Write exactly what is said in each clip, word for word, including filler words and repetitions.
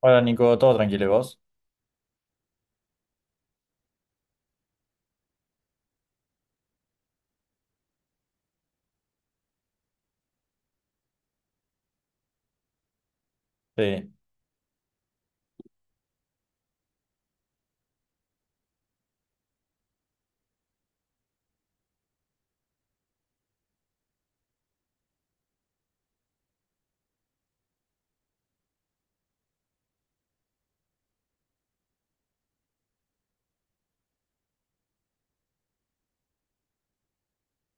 Hola Nico, todo tranquilo, ¿y vos? Sí.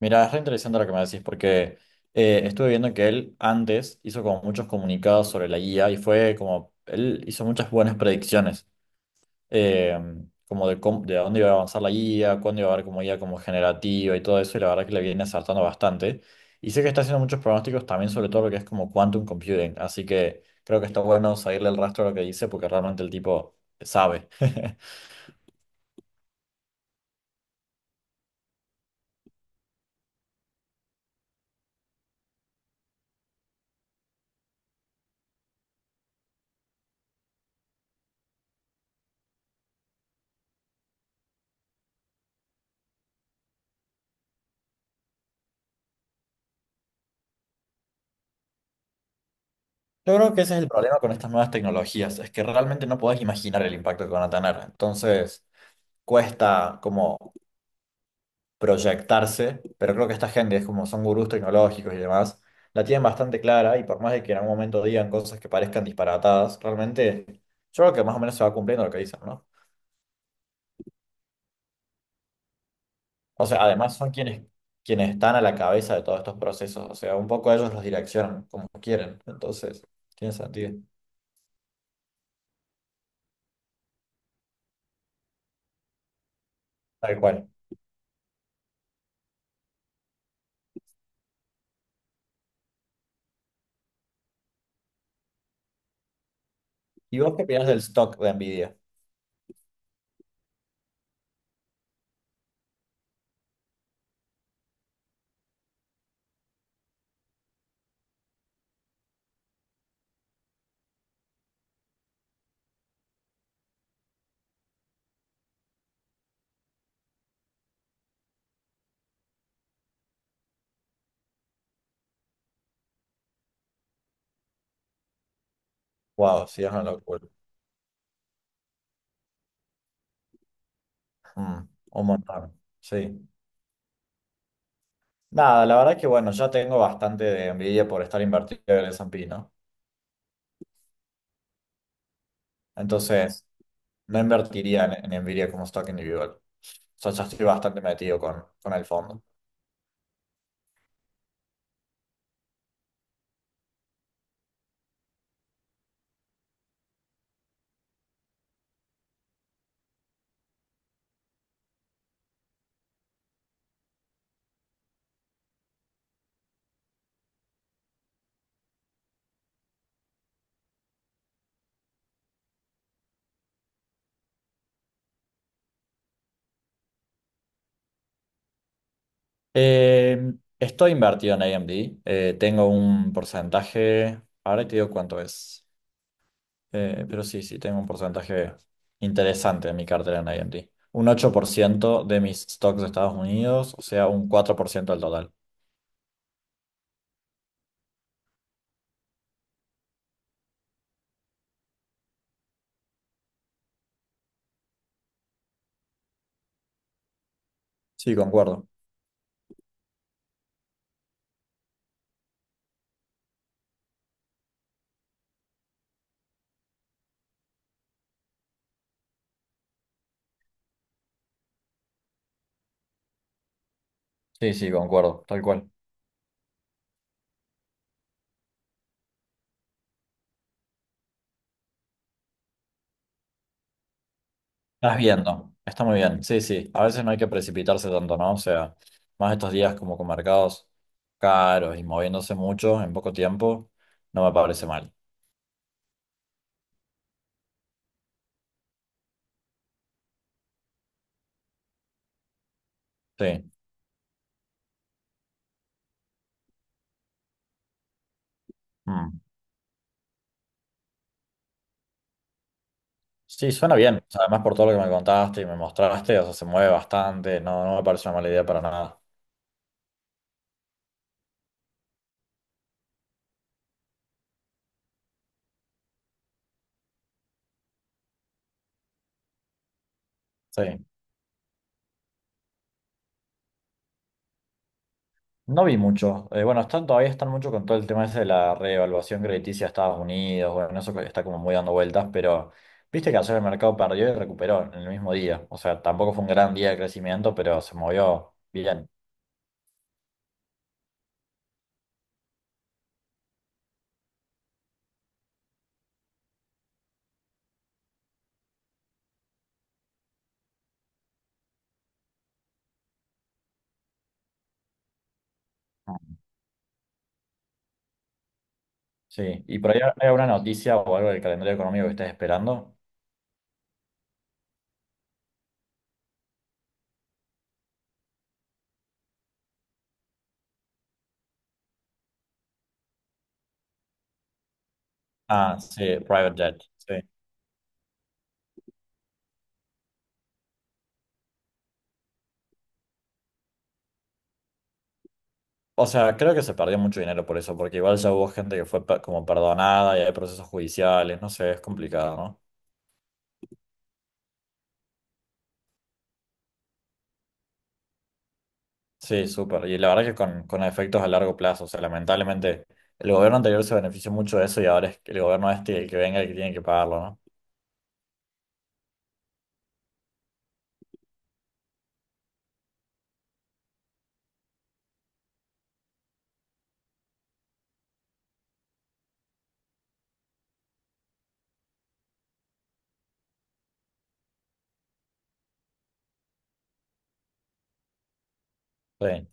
Mira, es re interesante lo que me decís porque eh, estuve viendo que él antes hizo como muchos comunicados sobre la I A y fue como, él hizo muchas buenas predicciones, eh, como de, cómo- de a dónde iba a avanzar la I A, cuándo iba a haber como I A como generativa y todo eso, y la verdad que le viene acertando bastante. Y sé que está haciendo muchos pronósticos también sobre todo lo que es como quantum computing, así que creo que está bueno seguirle el rastro a lo que dice porque realmente el tipo sabe. Yo creo que ese es el problema con estas nuevas tecnologías, es que realmente no podés imaginar el impacto que van a tener. Entonces, cuesta como proyectarse, pero creo que esta gente es como son gurús tecnológicos y demás, la tienen bastante clara y por más de que en algún momento digan cosas que parezcan disparatadas, realmente yo creo que más o menos se va cumpliendo lo que dicen, ¿no? O sea, además son quienes, quienes están a la cabeza de todos estos procesos, o sea, un poco ellos los direccionan como quieren, entonces, tiene sentido. Tal cual. ¿Y vos qué opinás del stock de Nvidia? Wow, sí, es una locura. Mm, un montón, sí. Nada, la verdad que bueno, ya tengo bastante de envidia por estar invertido en el S and P, ¿no? Entonces, no invertiría en, en Nvidia como stock individual. O sea, ya estoy bastante metido con, con el fondo. Eh, estoy invertido en A M D. eh, tengo un porcentaje, ahora te digo cuánto es. Eh, pero sí, sí, tengo un porcentaje interesante en mi cartera en A M D. Un ocho por ciento de mis stocks de Estados Unidos, o sea, un cuatro por ciento del total. Sí, concuerdo. Sí, sí, concuerdo, tal cual. Estás viendo, está muy bien, sí, sí. A veces no hay que precipitarse tanto, ¿no? O sea, más estos días como con mercados caros y moviéndose mucho en poco tiempo, no me parece mal. Sí, mm. Sí, suena bien. O sea, además por todo lo que me contaste y me mostraste, o sea, se mueve bastante, no, no me parece una mala idea para nada. Sí. No vi mucho. Eh, bueno, están, todavía están mucho con todo el tema ese de la reevaluación crediticia de Estados Unidos. Bueno, eso está como muy dando vueltas, pero viste que ayer el mercado perdió y recuperó en el mismo día. O sea, tampoco fue un gran día de crecimiento, pero se movió bien. Sí. ¿Y por ahí hay alguna noticia o algo del calendario económico que estés esperando? Ah, sí, private jet. Sí. O sea, creo que se perdió mucho dinero por eso, porque igual ya hubo gente que fue pe- como perdonada y hay procesos judiciales. No sé, es complicado, no. Sí, súper. Y la verdad que con, con efectos a largo plazo, o sea, lamentablemente el gobierno anterior se benefició mucho de eso y ahora es el gobierno este el que venga el que tiene que pagarlo, ¿no? Sí.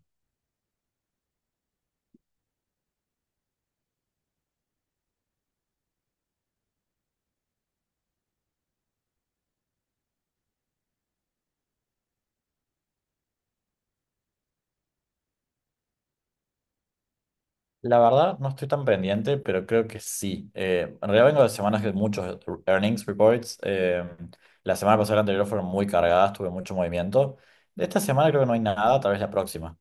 La verdad no estoy tan pendiente, pero creo que sí. Eh, en realidad vengo de semanas de muchos earnings reports. eh, la semana pasada y la anterior fueron muy cargadas, tuve mucho movimiento. De esta semana creo que no hay nada, tal vez la próxima.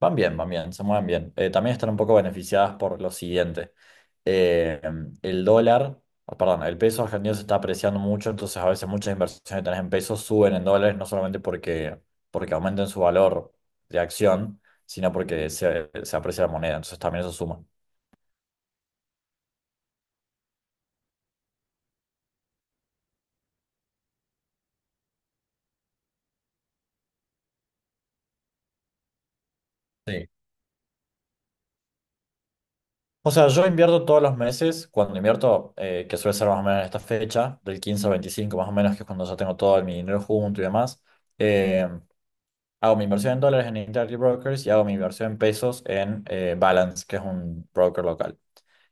Van bien, van bien, se mueven bien. Eh, también están un poco beneficiadas por lo siguiente. Eh, el dólar, oh, perdón, el peso argentino se está apreciando mucho, entonces a veces muchas inversiones que tenés en pesos suben en dólares, no solamente porque, porque aumenten su valor de acción, sino porque se, se aprecia la moneda, entonces también eso suma. Sí. O sea, yo invierto todos los meses, cuando invierto, eh, que suele ser más o menos en esta fecha, del quince al veinticinco más o menos, que es cuando ya tengo todo mi dinero junto y demás. eh, Hago mi inversión en dólares en Interactive Brokers y hago mi inversión en pesos en eh, Balance, que es un broker local.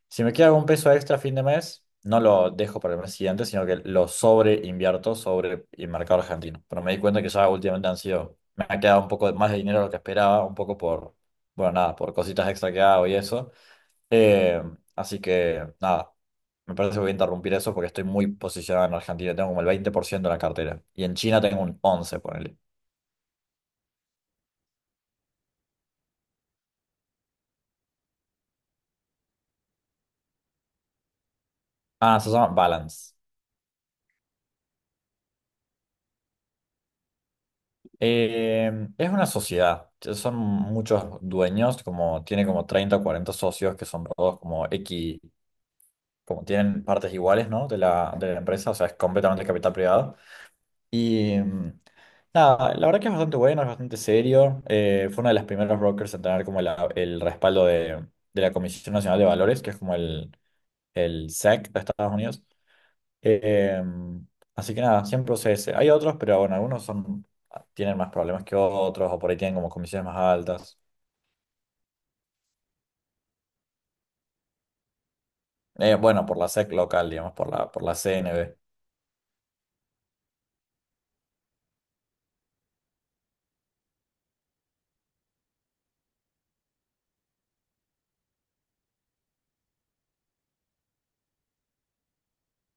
Si me queda algún peso extra a fin de mes, no lo dejo para el mes siguiente, sino que lo sobreinvierto sobre el mercado argentino. Pero me di cuenta que ya últimamente han sido, me ha quedado un poco más de dinero de lo que esperaba, un poco por, bueno, nada, por cositas extra que hago y eso. Eh, así que, nada, me parece que voy a interrumpir eso porque estoy muy posicionado en Argentina. Tengo como el veinte por ciento de la cartera y en China tengo un once, ponele. Ah, se llama Balance. Eh, es una sociedad, son muchos dueños, como tiene como treinta o cuarenta socios que son todos como X, como tienen partes iguales, ¿no? De la, de la empresa, o sea, es completamente capital privado. Y mm, nada, la verdad que es bastante bueno, es bastante serio. eh, fue uno de los primeros brokers en tener como la- el respaldo de, de la Comisión Nacional de Valores, que es como el, el S E C de Estados Unidos. Eh, así que nada, siempre usé ese. Hay otros, pero bueno, algunos son, tienen más problemas que otros, o por ahí tienen como comisiones más altas. Eh, bueno, por la S E C local, digamos, por la, por la C N B.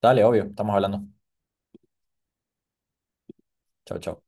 Dale, obvio, estamos hablando. Chau, chau.